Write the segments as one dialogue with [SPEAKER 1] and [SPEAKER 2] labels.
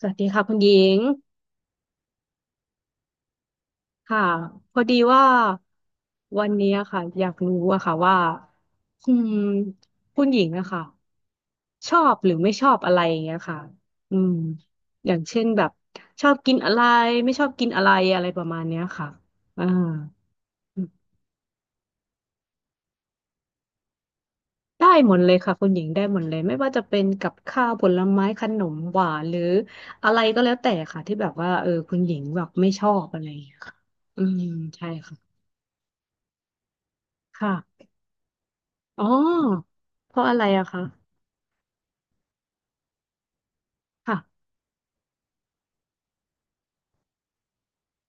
[SPEAKER 1] สวัสดีค่ะคุณหญิงค่ะพอดีว่าวันนี้อะค่ะอยากรู้อะค่ะว่าอืมคุณหญิงอะค่ะชอบหรือไม่ชอบอะไรอย่างเงี้ยค่ะอืมอย่างเช่นแบบชอบกินอะไรไม่ชอบกินอะไรอะไรประมาณเนี้ยค่ะอ่าได้หมดเลยค่ะคุณหญิงได้หมดเลยไม่ว่าจะเป็นกับข้าวผลไม้ขนมหวานหรืออะไรก็แล้วแต่ค่ะที่แบบว่าคุณหญิงแบบไม่ชอบอะไรอย่างเงี้ยค่ะอืมใช่ค่ะค่ะ อ๋อเพราะอะไรอะคะค่ะ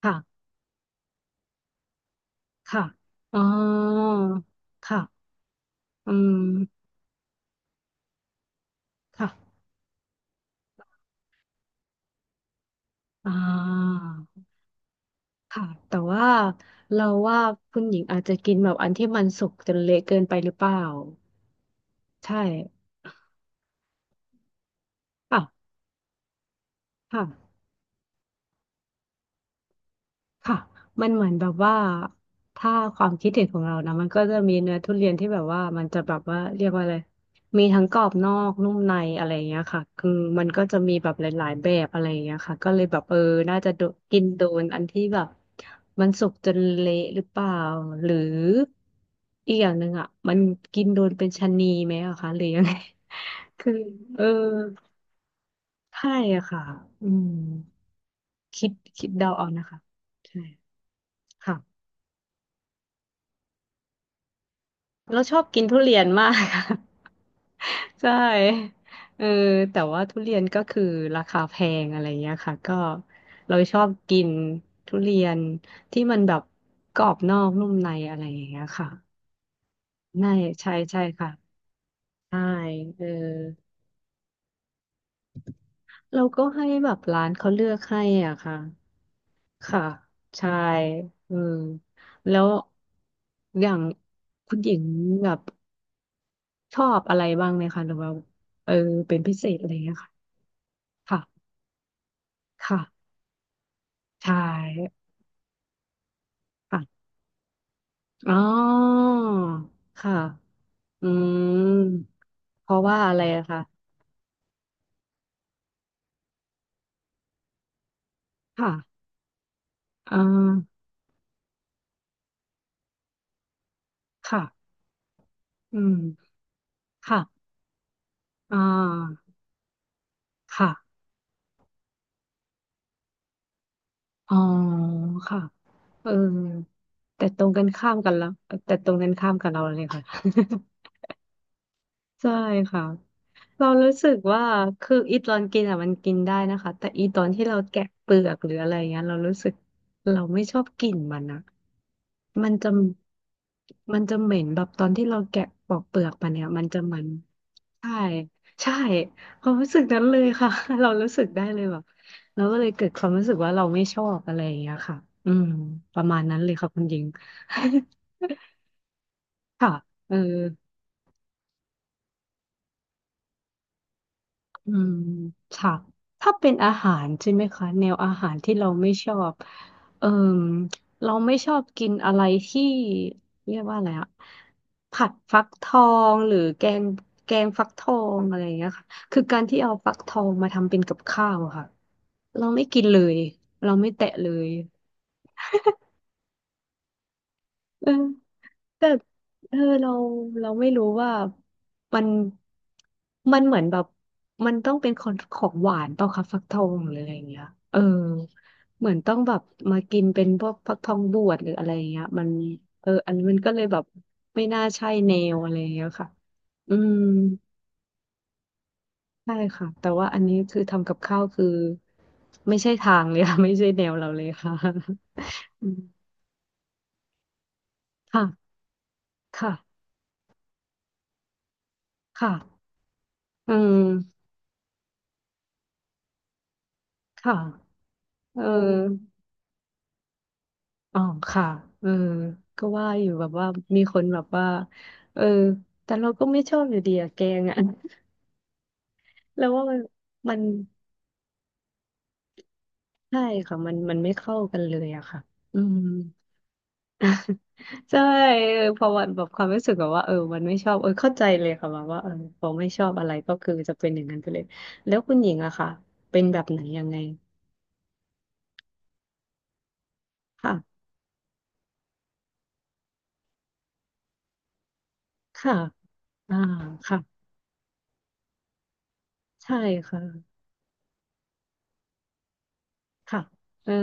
[SPEAKER 1] ค่ะค่ะอ๋อค่ะอืมค่ะอ่าค่ะแต่ว่าเราว่าคุณหญิงอาจจะกินแบบอันที่มันสุกจนเละเกินไปหรือเปล่าใช่เปล่าค่ะ ค่ะมันเหมือนแบบว่าถ้าความคิดเห็นของเรานะมันก็จะมีเนื้อทุเรียนที่แบบว่ามันจะแบบว่าเรียกว่าอะไรมีทั้งกรอบนอกนุ่มในอะไรอย่างเงี้ยค่ะคือมันก็จะมีแบบหลายๆแบบอะไรอย่างเงี้ยค่ะก็เลยแบบน่าจะโดกินโดนอันที่แบบมันสุกจนเละหรือเปล่าหรืออีกอย่างหนึ่งอ่ะมันกินโดนเป็นชะนีไหมอะคะหรือยังไง คือเออใช่อะค่ะอืมคิดคิดเดาเอานะคะใช่ค่ะ เราชอบกินทุเรียนมากค่ะ ใช่เออแต่ว่าทุเรียนก็คือราคาแพงอะไรเงี้ยค่ะก็เราชอบกินทุเรียนที่มันแบบกรอบนอกนุ่มในอะไรอย่างเงี้ยค่ะใช่ใช่ใช่ค่ะใช่เออเราก็ให้แบบร้านเขาเลือกให้อ่ะค่ะค่ะใช่เออแล้วอย่างคุณหญิงแบบชอบอะไรบ้างไหมคะหรือว่าเออเป็นพิเศษอะไรเงี้ยค่ะ ค่ะ ค่ะ ใช่ค่ะอ๋อ ค่ะ อืม เพราะว่าอะไรอะคะค่ะอ่าค่ะ อืม ค่ะอ่าค่ะอ๋อค่ะเออแต่ตรงกันข้ามกันแล้ว แต่ตรงกันข้ามกับเราเลยค่ะ ใช่ค่ะเรารู้สึกว่าคืออีตอนกินอ่ะมันกินได้นะคะแต่อีตอนที่เราแกะเปลือกหรืออะไรเงี้ยเรารู้สึกเราไม่ชอบกลิ่นมันนะมันจะมันจะเหม็นแบบตอนที่เราแกะปอกเปลือกมันเนี่ยมันจะเหมันใช่ใช่ความรู้สึกนั้นเลยค่ะ เรารู้สึกได้เลยแบบเราก็เลยเกิดความรู้สึกว่าเราไม่ชอบอะไรอย่างเงี้ยค่ะอืมประมาณนั้นเลยค่ะคุณหญิง ค่ะเออ อืมค่ะถ้าเป็นอาหารใช่ไหมคะแนวอาหารที่เราไม่ชอบเอ่มเราไม่ชอบกินอะไรที่เรียกว่าอะไรอะผัดฟักทองหรือแกงฟักทองอะไรอย่างเงี้ยค่ะคือการที่เอาฟักทองมาทำเป็นกับข้าวอะค่ะ เราไม่กินเลยเราไม่แตะเลยเออ แต่เออเราเราไม่รู้ว่ามันมันเหมือนแบบมันต้องเป็นของของหวานเปล่าคะฟักทองหรืออะไรอย่างเงี้ยเออเหมือนต้องแบบมากินเป็นพวกฟักทองบวชหรืออะไรอย่างเงี้ยมันอันนี้มันก็เลยแบบไม่น่าใช่แนวอะไรอย่างเงี้ยค่ะอืมใช่ค่ะแต่ว่าอันนี้คือทำกับข้าวคือไม่ใช่ทางเลยค่ะ ไม่ใช่แนวเราเลยค่ะ อืมค่ะค่ะค่ะอืมค่ะเออ อ๋อค่ะเออก็ว่าอยู่แบบว่ามีคนแบบว่าเออแต่เราก็ไม่ชอบอยู่ดีอะแกงอะ แล้วว่ามันใช่ค่ะมันมันไม่เข้ากันเลยอะค่ะอืม ใช่พอวันแบบความรู้สึกแบบว่ามันไม่ชอบเข้าใจเลยค่ะแบบว่าพอไม่ชอบอะไรก็คือจะเป็นอย่างนั้นไปเลยแล้วคุณหญิงอะค่ะเป็นแบบไหนยังไงค่ะค่ะอ่าค่ะใช่ค่ะค่ะเออ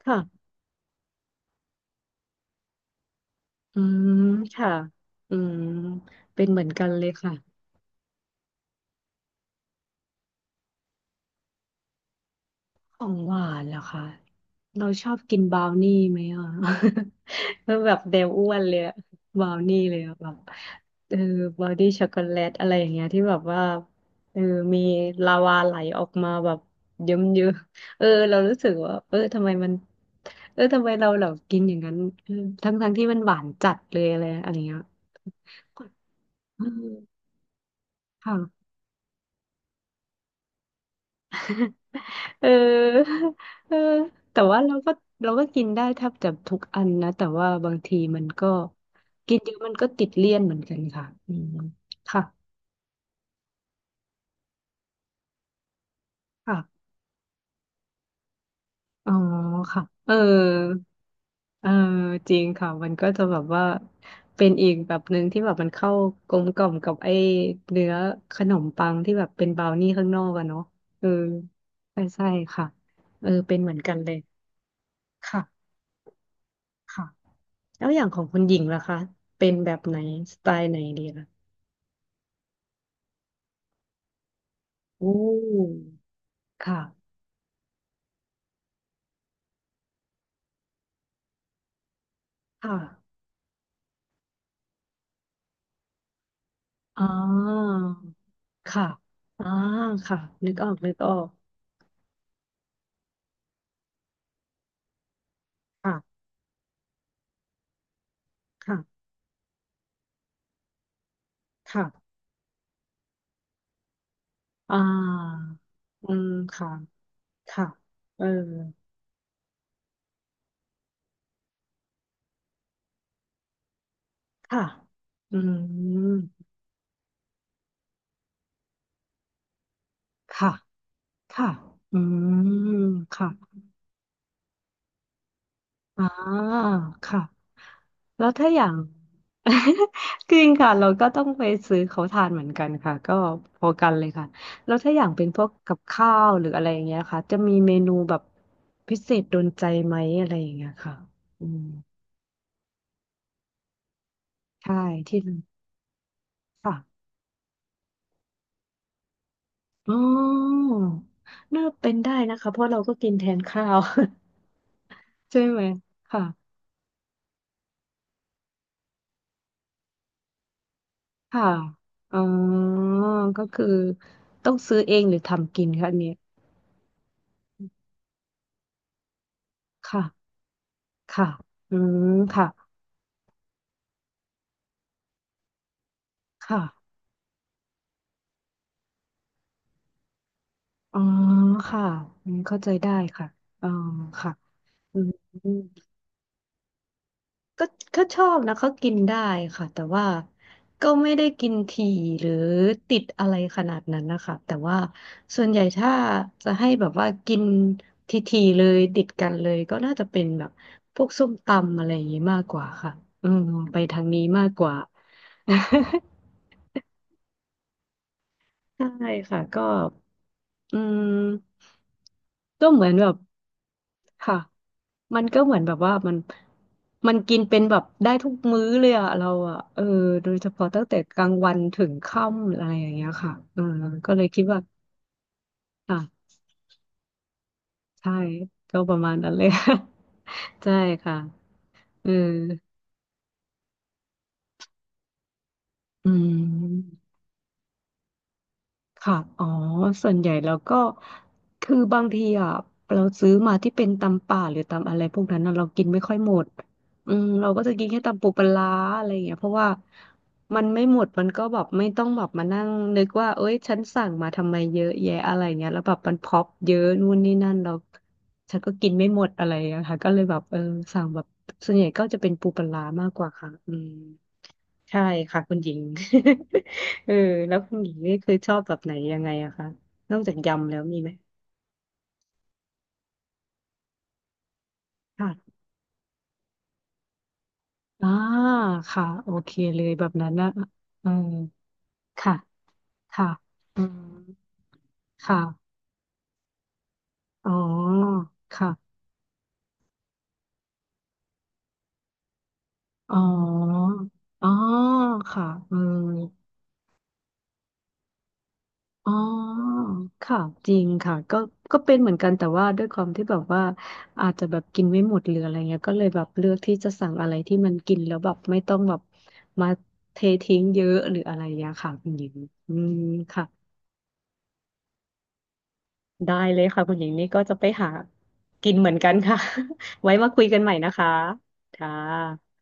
[SPEAKER 1] ค่ะ อืมค่ะอืมเป็นเหมือนกันเลยค่ะของหวานเหรอคะเราชอบกินบราวนี่ไหมอ่ะ แล้วแบบแนวอ้วนเลยอะบราวนี่เลยอะแบบเออบราวนี่ช็อกโกแลตอะไรอย่างเงี้ยที่แบบว่าเออมีลาวาไหลออกมาแบบเยิ้มเยอะเรารู้สึกว่าทำไมมันทำไมเรากินอย่างนั้นเออทั้งที่มันหวานจัดเลยอะไรอะไรอย่างเงี้ยอืมค่ะ เออเออแต่ว่าเราก็กินได้แทบจะทุกอันนะแต่ว่าบางทีมันก็กินเยอะมันก็ติดเลี่ยนเหมือนกันค่ะอืมค่ะค่ะอ๋อค่ะเออจริงค่ะมันก็จะแบบว่าเป็นอีกแบบหนึ่งที่แบบมันเข้ากลมกล่อมกับไอ้เนื้อขนมปังที่แบบเป็นบราวนี่ข้างนอกอะเนาะเออใช่ใช่ค่ะเป็นเหมือนกันเลยค่ะค่ะ แล้วอย่างของคุณหญิงล่ะคะเป็นแบบไหนสไตล์ไหนดีล่ะโอ้ค่ะค่ะอ่าค่ะอ่าค่ะนึกออกนึกออกค่ะค่ะค่ะอ่าอืมค่ะค่ะเออค่ะอืมค่ะค่ะอืมค่ะอ่าค่ะ แล้วถ้าอย่าง จริงค่ะเราก็ต้องไปซื้อเขาทานเหมือนกันค่ะก็พอกันเลยค่ะแล้วถ้าอย่างเป็นพวกกับข้าวหรืออะไรอย่างเงี้ยค่ะจะมีเมนูแบบพิเศษโดนใจไหมอะไรอย่างเงี้ยค่ะอืมใช่ที่ค่ะอ๋อน่าเป็นได้นะคะเพราะเราก็กินแทนข้าว ใช่ไหมค่ะค่ะอ๋อก็คือต้องซื้อเองหรือทำกินคะอันเนี้ยค่ะค่ะอืมค่ะค่ะ อ๋อค่ะอืมเข้าใจได้ค่ะอ๋อค่ะอืมก็ก็ชอบนะก็กินได้ค่ะแต่ว่าก็ไม่ได้กินถี่หรือติดอะไรขนาดนั้นนะคะแต่ว่าส่วนใหญ่ถ้าจะให้แบบว่ากินทีๆเลยติดกันเลยก็น่าจะเป็นแบบพวกส้มตำอะไรอย่างนี้มากกว่าค่ะอืมไปทางนี้มากกว่า ใช่ค่ะก็อืมก็เหมือนแบบค่ะมันก็เหมือนแบบว่ามันกินเป็นแบบได้ทุกมื้อเลยอะเราอะเออโดยเฉพาะตั้งแต่กลางวันถึงค่ำอะไรอย่างเงี้ยค่ะเออก็เลยคิดว่าอ่ะใช่ก็ประมาณนั้นเลย ใช่ค่ะเอออืม ค่ะ อ๋อส่วนใหญ่เราก็คือบางทีอ่ะเราซื้อมาที่เป็นตำป่าหรือตำอะไรพวกนั้นน่ะเรากินไม่ค่อยหมด อืมเราก็จะกินแค่ตำปูปลาร้าอะไรอย่างเงี้ยเพราะว่ามันไม่หมด มันก็แบบไม่ต้องแบบมานั่งนึกว่าเอ้ยฉันสั่งมาทำไมเยอะแยะอะไรเงี้ยแล้วแบบมันพร็อปเยอะนู่นนี่นั่นเราฉันก็กินไม่หมดอะไรอยค่ะก็เลยแบบเออสั่งแบบส่วนใหญ่ก็จะเป็นปูปลาร้ามากกว่าค่ะอืม ใช่ค่ะคุณหญิง เออแล้วคุณหญิงนี่เคยชอบแบบไหนยังไงอะคะนอกจากยำแล้วมีไหมค่ะอ่า ค่ะโอเคเลยแบบนั้นนะเออค่ะ ค่ะอืมค่ะอ๋อค่ะอ๋ออ๋อค่ะอืม อ๋อค่ะจริงค่ะก็ก็เป็นเหมือนกัน แต่ว่าด้วยความที่แบบว่าอาจจะแบบกินไม่หมดหรืออะไรเงี้ยก็เลยแบบเลือกที่จะสั่งอะไรที่มันกินแล้วแบบไม่ต้องแบบมาเททิ้งเยอะหรืออะไรอย่างเงี้ยค่ะคุณหญิงอืมค่ะได้เลยค่ะคุณหญิงนี่ก็จะไปหากินเหมือนกันค่ะ ไว้มาคุยกันใหม่นะคะค่ะ